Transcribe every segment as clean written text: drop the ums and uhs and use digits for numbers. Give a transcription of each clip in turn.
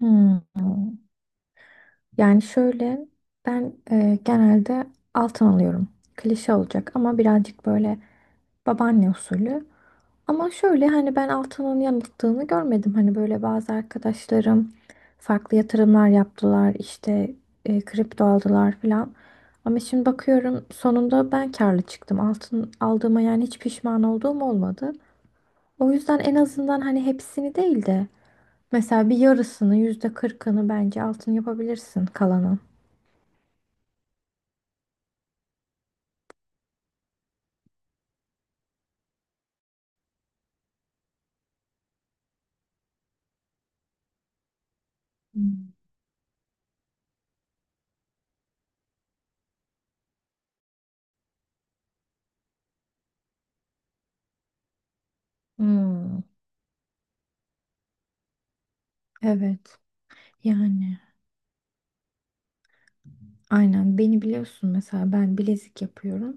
Hmm. Yani şöyle ben genelde altın alıyorum. Klişe olacak ama birazcık böyle babaanne usulü. Ama şöyle hani ben altının yanıldığını görmedim. Hani böyle bazı arkadaşlarım farklı yatırımlar yaptılar işte kripto aldılar falan. Ama şimdi bakıyorum sonunda ben karlı çıktım. Altın aldığıma yani hiç pişman olduğum olmadı. O yüzden en azından hani hepsini değil de mesela bir yarısını, %40'ını bence altın yapabilirsin kalanın. Hmm. Hmm, evet. Yani aynen beni biliyorsun, mesela ben bilezik yapıyorum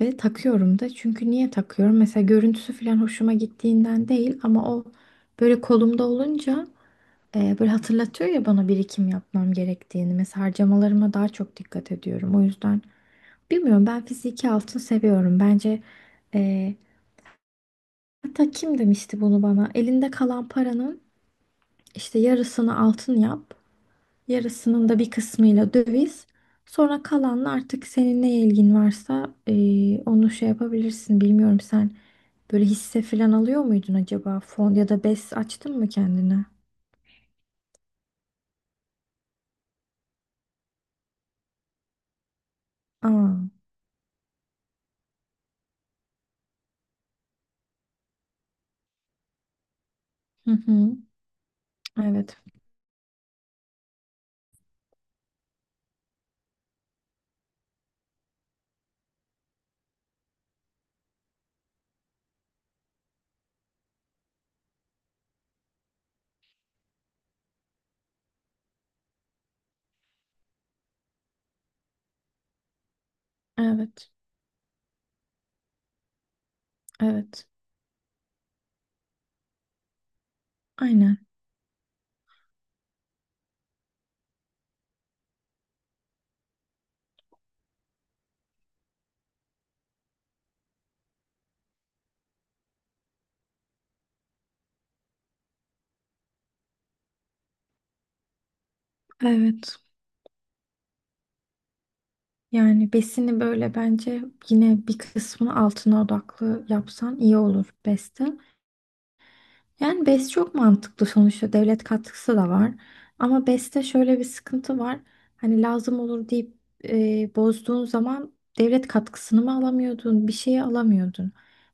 ve takıyorum da. Çünkü niye takıyorum? Mesela görüntüsü falan hoşuma gittiğinden değil, ama o böyle kolumda olunca böyle hatırlatıyor ya bana birikim yapmam gerektiğini. Mesela harcamalarıma daha çok dikkat ediyorum. O yüzden bilmiyorum, ben fiziki altın seviyorum. Bence e, hatta kim demişti bunu bana? Elinde kalan paranın İşte yarısını altın yap, yarısının da bir kısmıyla döviz. Sonra kalanla artık senin ne ilgin varsa onu şey yapabilirsin. Bilmiyorum, sen böyle hisse falan alıyor muydun acaba? Fon ya da BES açtın mı kendine? Aa, hı hı. Evet, evet, evet. Aynen, evet. Yani besini böyle bence yine bir kısmını altına odaklı yapsan iyi olur beste. Yani BES çok mantıklı, sonuçta devlet katkısı da var. Ama BES'te şöyle bir sıkıntı var. Hani lazım olur deyip bozduğun zaman devlet katkısını mı alamıyordun, bir şeyi alamıyordun.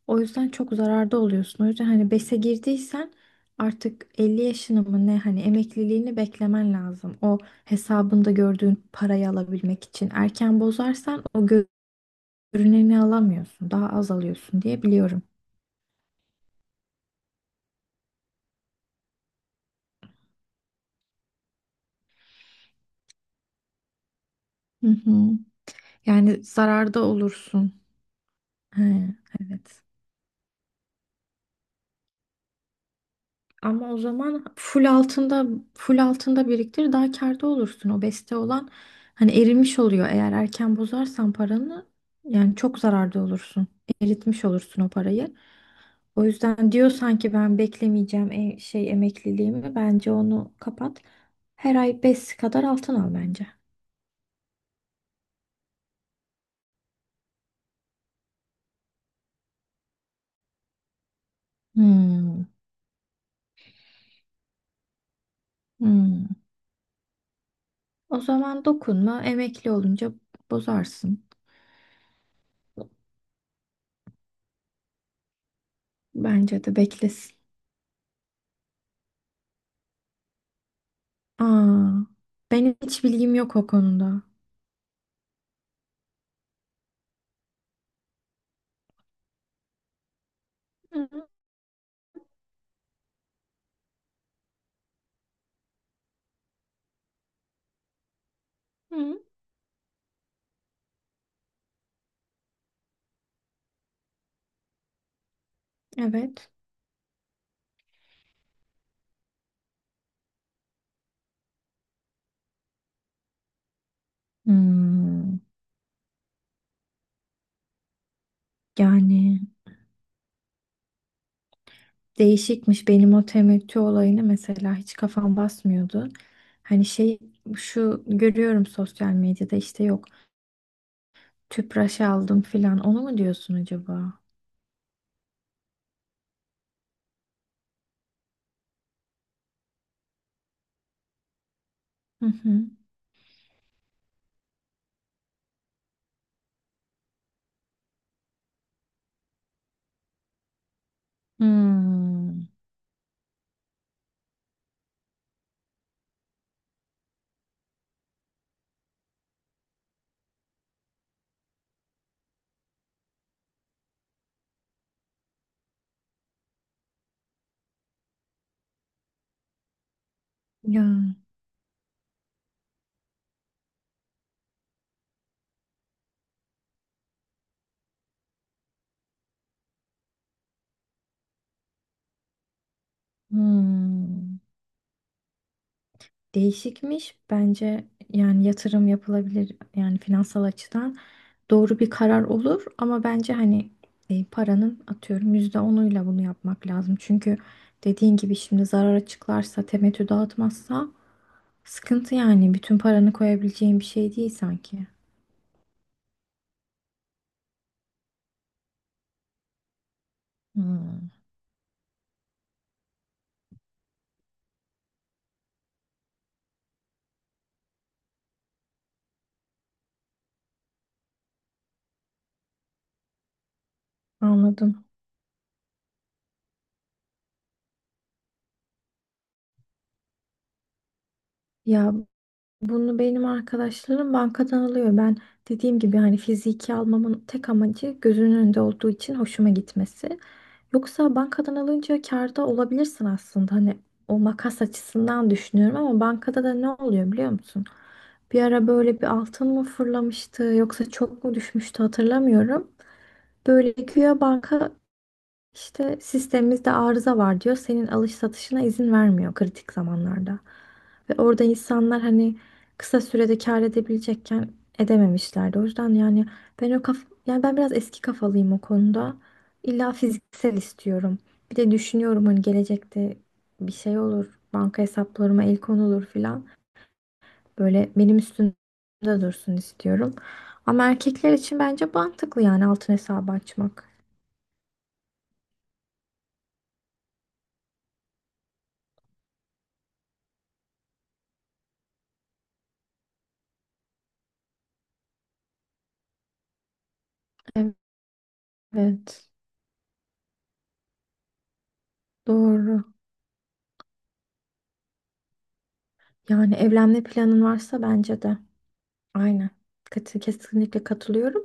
O yüzden çok zararda oluyorsun. O yüzden hani BES'e girdiysen artık 50 yaşını mı ne, hani emekliliğini beklemen lazım. O hesabında gördüğün parayı alabilmek için. Erken bozarsan o görüneni alamıyorsun, daha az alıyorsun diye biliyorum. Hı hı. Yani zararda olursun. He, evet. Ama o zaman full altında biriktir, daha kârda olursun. O beste olan hani erimiş oluyor. Eğer erken bozarsan paranı yani çok zararda olursun. Eritmiş olursun o parayı. O yüzden diyorsan ki ben beklemeyeceğim şey emekliliğimi, bence onu kapat. Her ay 5 kadar altın al bence. Hmm, hmm. O zaman dokunma, emekli olunca bozarsın. Bence de beklesin. Aa, ben hiç bilgim yok o konuda. Hı hı. Evet. Hmm, yani değişikmiş, benim o temettü olayını mesela hiç kafam basmıyordu. Hani şu görüyorum sosyal medyada, işte yok tüpraş aldım filan, onu mu diyorsun acaba? Hı hı. Hmm. Ya. Hmm. Değişikmiş. Bence yani yatırım yapılabilir, yani finansal açıdan doğru bir karar olur, ama bence hani paranın atıyorum %10'uyla bunu yapmak lazım. Çünkü dediğin gibi şimdi zarara çıklarsa, temettü dağıtmazsa sıkıntı. Yani bütün paranı koyabileceğin bir şey değil sanki. Hmm. Anladım. Ya, bunu benim arkadaşlarım bankadan alıyor. Ben dediğim gibi hani fiziki almamın tek amacı, gözünün önünde olduğu için hoşuma gitmesi. Yoksa bankadan alınca kârda olabilirsin aslında. Hani o makas açısından düşünüyorum ama bankada da ne oluyor biliyor musun? Bir ara böyle bir altın mı fırlamıştı yoksa çok mu düşmüştü, hatırlamıyorum. Böyle güya banka işte sistemimizde arıza var diyor. Senin alış satışına izin vermiyor kritik zamanlarda. Ve orada insanlar hani kısa sürede kâr edebilecekken edememişlerdi. O yüzden yani ben o kaf yani ben biraz eski kafalıyım o konuda. İlla fiziksel istiyorum. Bir de düşünüyorum hani gelecekte bir şey olur, banka hesaplarıma el konulur filan. Böyle benim üstümde dursun istiyorum. Ama erkekler için bence mantıklı yani altın hesabı açmak. Evet, doğru. Yani evlenme planın varsa bence de. Aynen. Kesinlikle katılıyorum.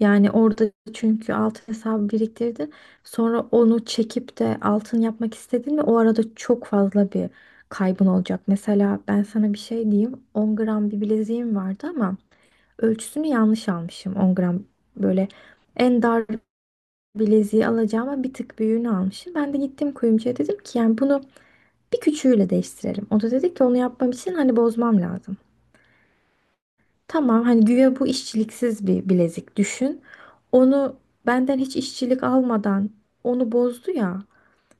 Yani orada çünkü altın hesabı biriktirdin. Sonra onu çekip de altın yapmak istedin mi? O arada çok fazla bir kaybın olacak. Mesela ben sana bir şey diyeyim. 10 gram bir bileziğim vardı ama ölçüsünü yanlış almışım. 10 gram böyle en dar bileziği alacağıma bir tık büyüğünü almışım. Ben de gittim kuyumcuya, dedim ki yani bunu bir küçüğüyle değiştirelim. O da dedi ki onu yapmam için hani bozmam lazım. Tamam, hani güya bu işçiliksiz bir bilezik düşün. Onu benden hiç işçilik almadan onu bozdu ya.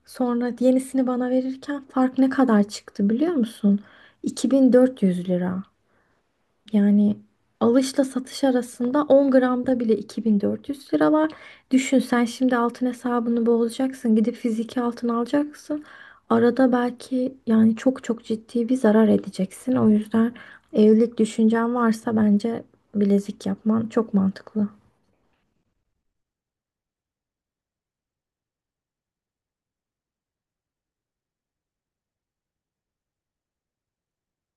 Sonra yenisini bana verirken fark ne kadar çıktı biliyor musun? 2400 lira. Yani alışla satış arasında 10 gramda bile 2400 lira var. Düşün sen şimdi altın hesabını bozacaksın. Gidip fiziki altın alacaksın. Arada belki yani çok çok ciddi bir zarar edeceksin. O yüzden evlilik düşüncen varsa bence bilezik yapman çok mantıklı.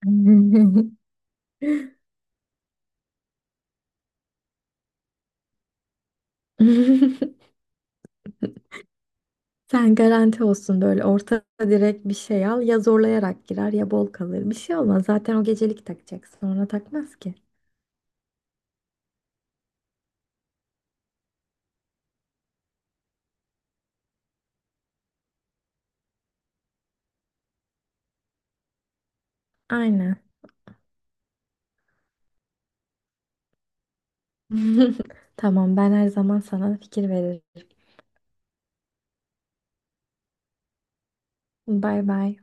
Sen garanti olsun böyle orta direkt bir şey al. Ya zorlayarak girer ya bol kalır. Bir şey olmaz. Zaten o gecelik takacak. Sonra takmaz ki. Aynen. Tamam, ben her zaman sana fikir veririm. Bay bay.